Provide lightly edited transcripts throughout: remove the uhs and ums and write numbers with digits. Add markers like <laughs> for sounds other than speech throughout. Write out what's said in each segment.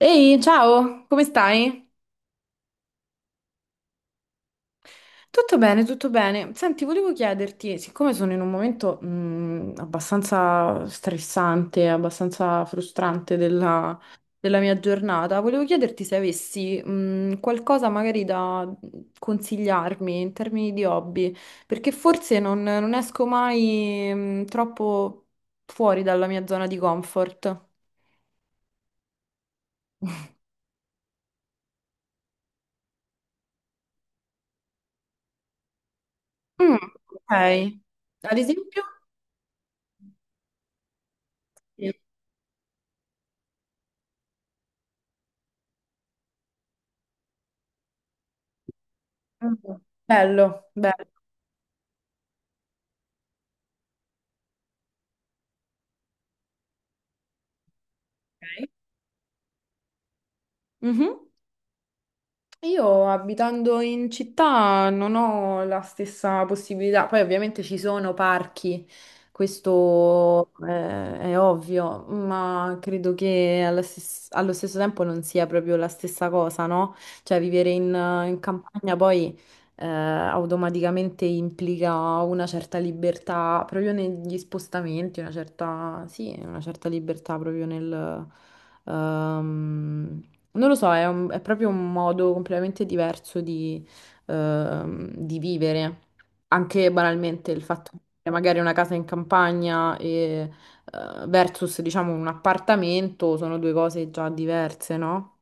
Ehi, ciao, come stai? Tutto bene, tutto bene. Senti, volevo chiederti, siccome sono in un momento abbastanza stressante, abbastanza frustrante della, della mia giornata, volevo chiederti se avessi qualcosa magari da consigliarmi in termini di hobby, perché forse non, non esco mai troppo fuori dalla mia zona di comfort. Mm, ok. Ad esempio? Sì. Mm. Bello, bello. Ok. Mhm. Io abitando in città non ho la stessa possibilità, poi ovviamente ci sono parchi, questo è ovvio, ma credo che allo stesso tempo non sia proprio la stessa cosa, no? Cioè vivere in, in campagna poi automaticamente implica una certa libertà proprio negli spostamenti, una certa, sì, una certa libertà proprio nel non lo so, è, è proprio un modo completamente diverso di vivere. Anche banalmente il fatto di avere magari una casa in campagna e, versus, diciamo, un appartamento sono due cose già diverse, no?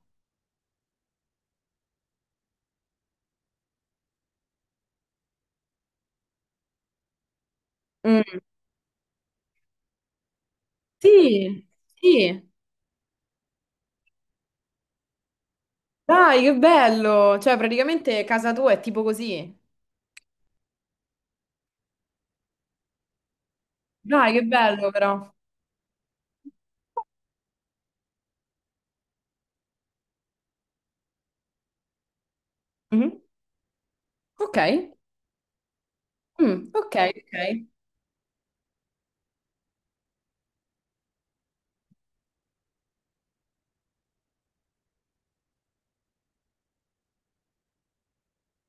Mm. Sì, sì. Dai, che bello! Cioè, praticamente casa tua è tipo così. Dai, che bello però. Mhm. Ok. Mm, ok, ok.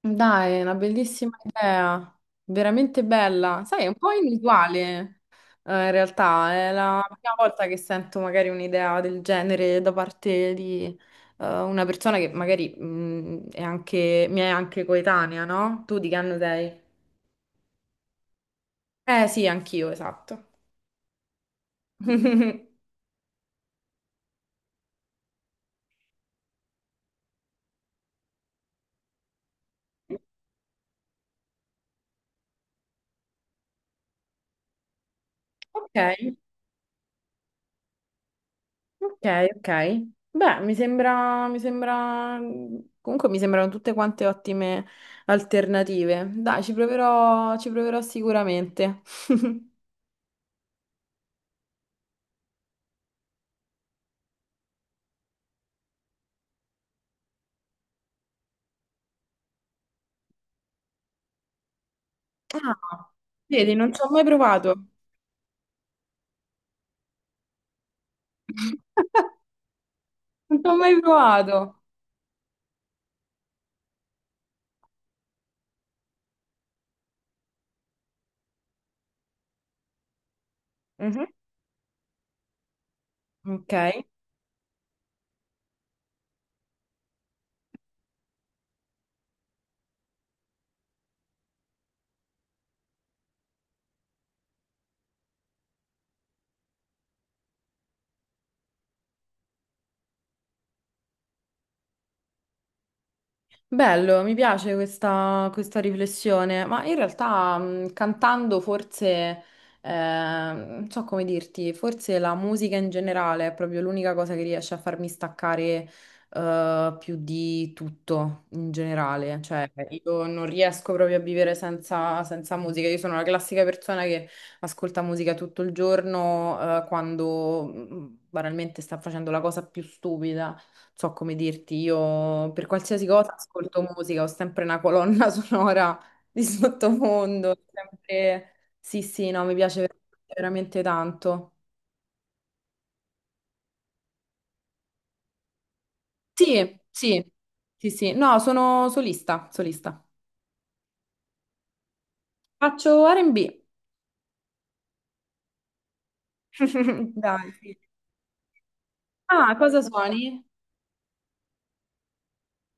Dai, è una bellissima idea, veramente bella. Sai, è un po' inusuale, in realtà. È la prima volta che sento magari un'idea del genere da parte di, una persona che magari, è anche, mi è anche coetanea, no? Tu di che anno sei? Eh sì, anch'io, esatto. <laughs> Ok, ok, ok. Beh, mi sembra, comunque mi sembrano tutte quante ottime alternative. Dai, ci proverò sicuramente. <laughs> Ah, vedi, non ci ho mai provato. <laughs> Non ci ho mai provato. Mhm. Ok. Bello, mi piace questa, questa riflessione, ma in realtà cantando forse, non so come dirti, forse la musica in generale è proprio l'unica cosa che riesce a farmi staccare, più di tutto in generale, cioè io non riesco proprio a vivere senza, senza musica, io sono la classica persona che ascolta musica tutto il giorno, quando banalmente sta facendo la cosa più stupida so come dirti, io per qualsiasi cosa ascolto musica, ho sempre una colonna <laughs> sonora di sottofondo, sempre. Sì, sì, no, mi piace veramente tanto. Sì, sì, sì, sì, no, sono solista, solista. Faccio R&B. <laughs> Dai, sì. Ah, cosa suoni?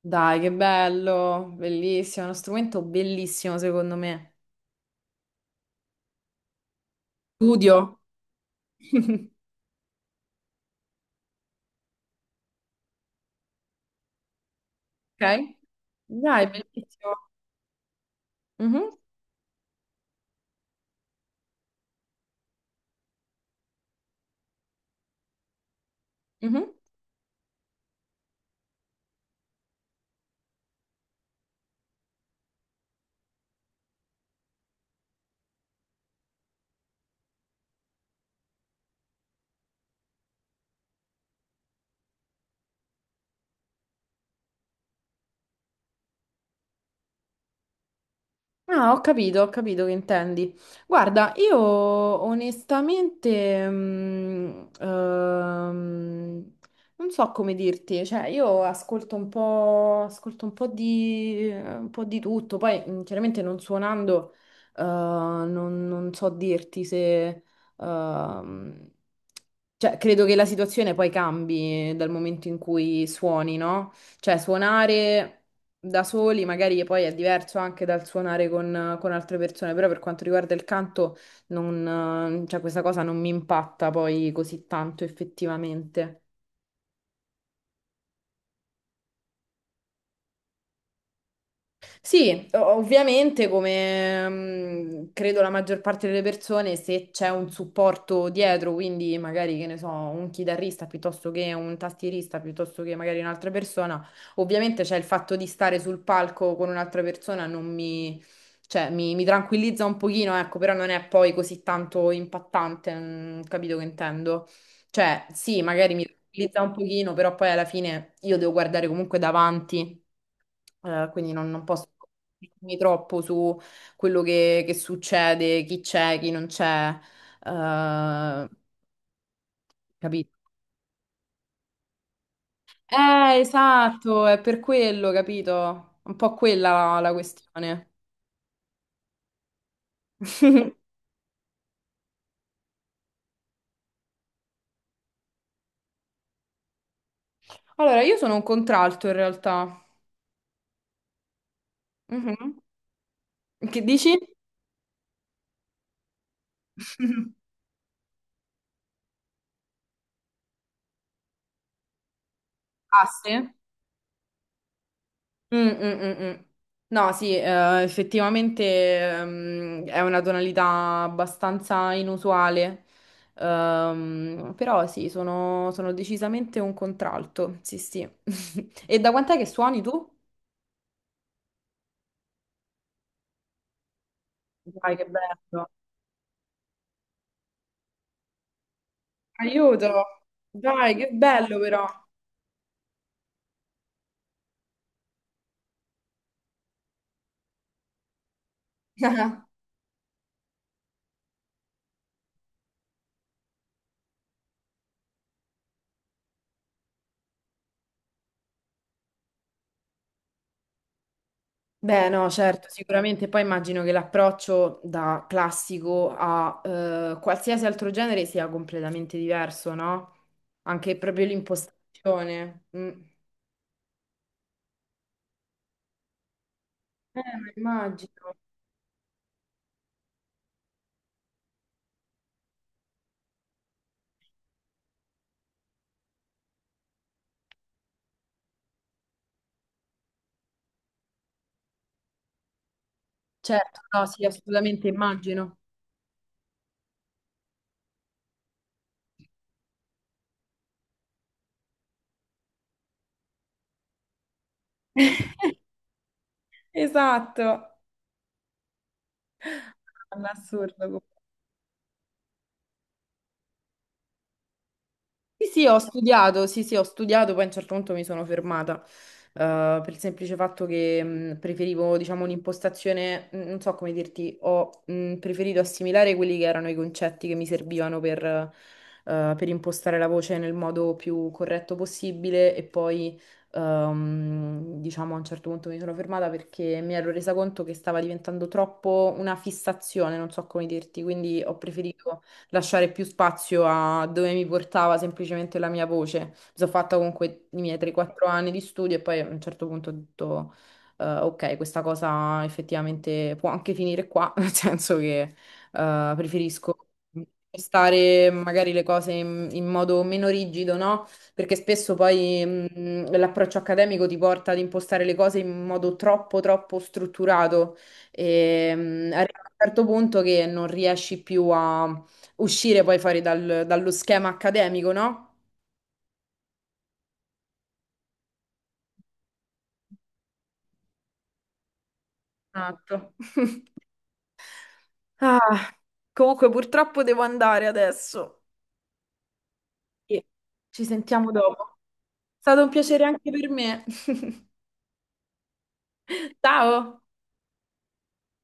Dai, che bello, bellissimo, è uno strumento bellissimo secondo me. Studio. <laughs> Ok? Dai, bellissimo. Mhm, mhm. Ah, ho capito che intendi. Guarda, io onestamente, non so come dirti, cioè io ascolto un po' di tutto, poi chiaramente non suonando, non, non so dirti se, ehm, cioè credo che la situazione poi cambi dal momento in cui suoni, no? Cioè suonare da soli, magari poi è diverso anche dal suonare con altre persone, però per quanto riguarda il canto, non, cioè, questa cosa non mi impatta poi così tanto effettivamente. Sì, ovviamente come mm, credo la maggior parte delle persone, se c'è un supporto dietro, quindi magari che ne so, un chitarrista piuttosto che un tastierista, piuttosto che magari un'altra persona, ovviamente c'è il fatto di stare sul palco con un'altra persona, non mi, cioè, mi tranquillizza un pochino, ecco, però non è poi così tanto impattante, mm, capito che intendo? Cioè, sì, magari mi tranquillizza un pochino, però poi alla fine io devo guardare comunque davanti. Quindi non, non posso concentrarmi troppo su quello che succede, chi c'è, chi non c'è, eh, capito? Esatto, è per quello, capito? Un po' quella la, la questione. Allora, io sono un contralto in realtà. Mhm. Che dici? <laughs> Ah, sì? Mm, mm, mm, mm. No, sì, effettivamente è una tonalità abbastanza inusuale. Però sì, sono, sono decisamente un contralto, sì, sì. <laughs> E da quant'è che suoni tu? Dai, che bello. Aiuto! Dai, che bello però. <laughs> Beh, no, certo, sicuramente. Poi immagino che l'approccio da classico a qualsiasi altro genere sia completamente diverso, no? Anche proprio l'impostazione. Mm. Ma immagino. Certo, no, sì, assolutamente immagino. <laughs> Esatto. All'assurdo. Sì, sì, ho studiato, sì, sì, ho studiato, poi a un certo punto mi sono fermata, per il semplice fatto che preferivo, diciamo, un'impostazione, non so come dirti, ho preferito assimilare quelli che erano i concetti che mi servivano per impostare la voce nel modo più corretto possibile e poi, diciamo, a un certo punto mi sono fermata perché mi ero resa conto che stava diventando troppo una fissazione, non so come dirti, quindi ho preferito lasciare più spazio a dove mi portava semplicemente la mia voce. Mi sono fatta comunque i miei 3-4 anni di studio e poi a un certo punto ho detto, ok, questa cosa effettivamente può anche finire qua, <laughs> nel senso che preferisco stare magari le cose in, in modo meno rigido, no? Perché spesso poi l'approccio accademico ti porta ad impostare le cose in modo troppo, troppo strutturato e arriva a un certo punto che non riesci più a uscire poi dallo schema accademico, no? Esatto. <laughs> Ah, comunque purtroppo devo andare adesso. Sì. Ci sentiamo dopo. È stato un piacere anche per me. <laughs> Ciao!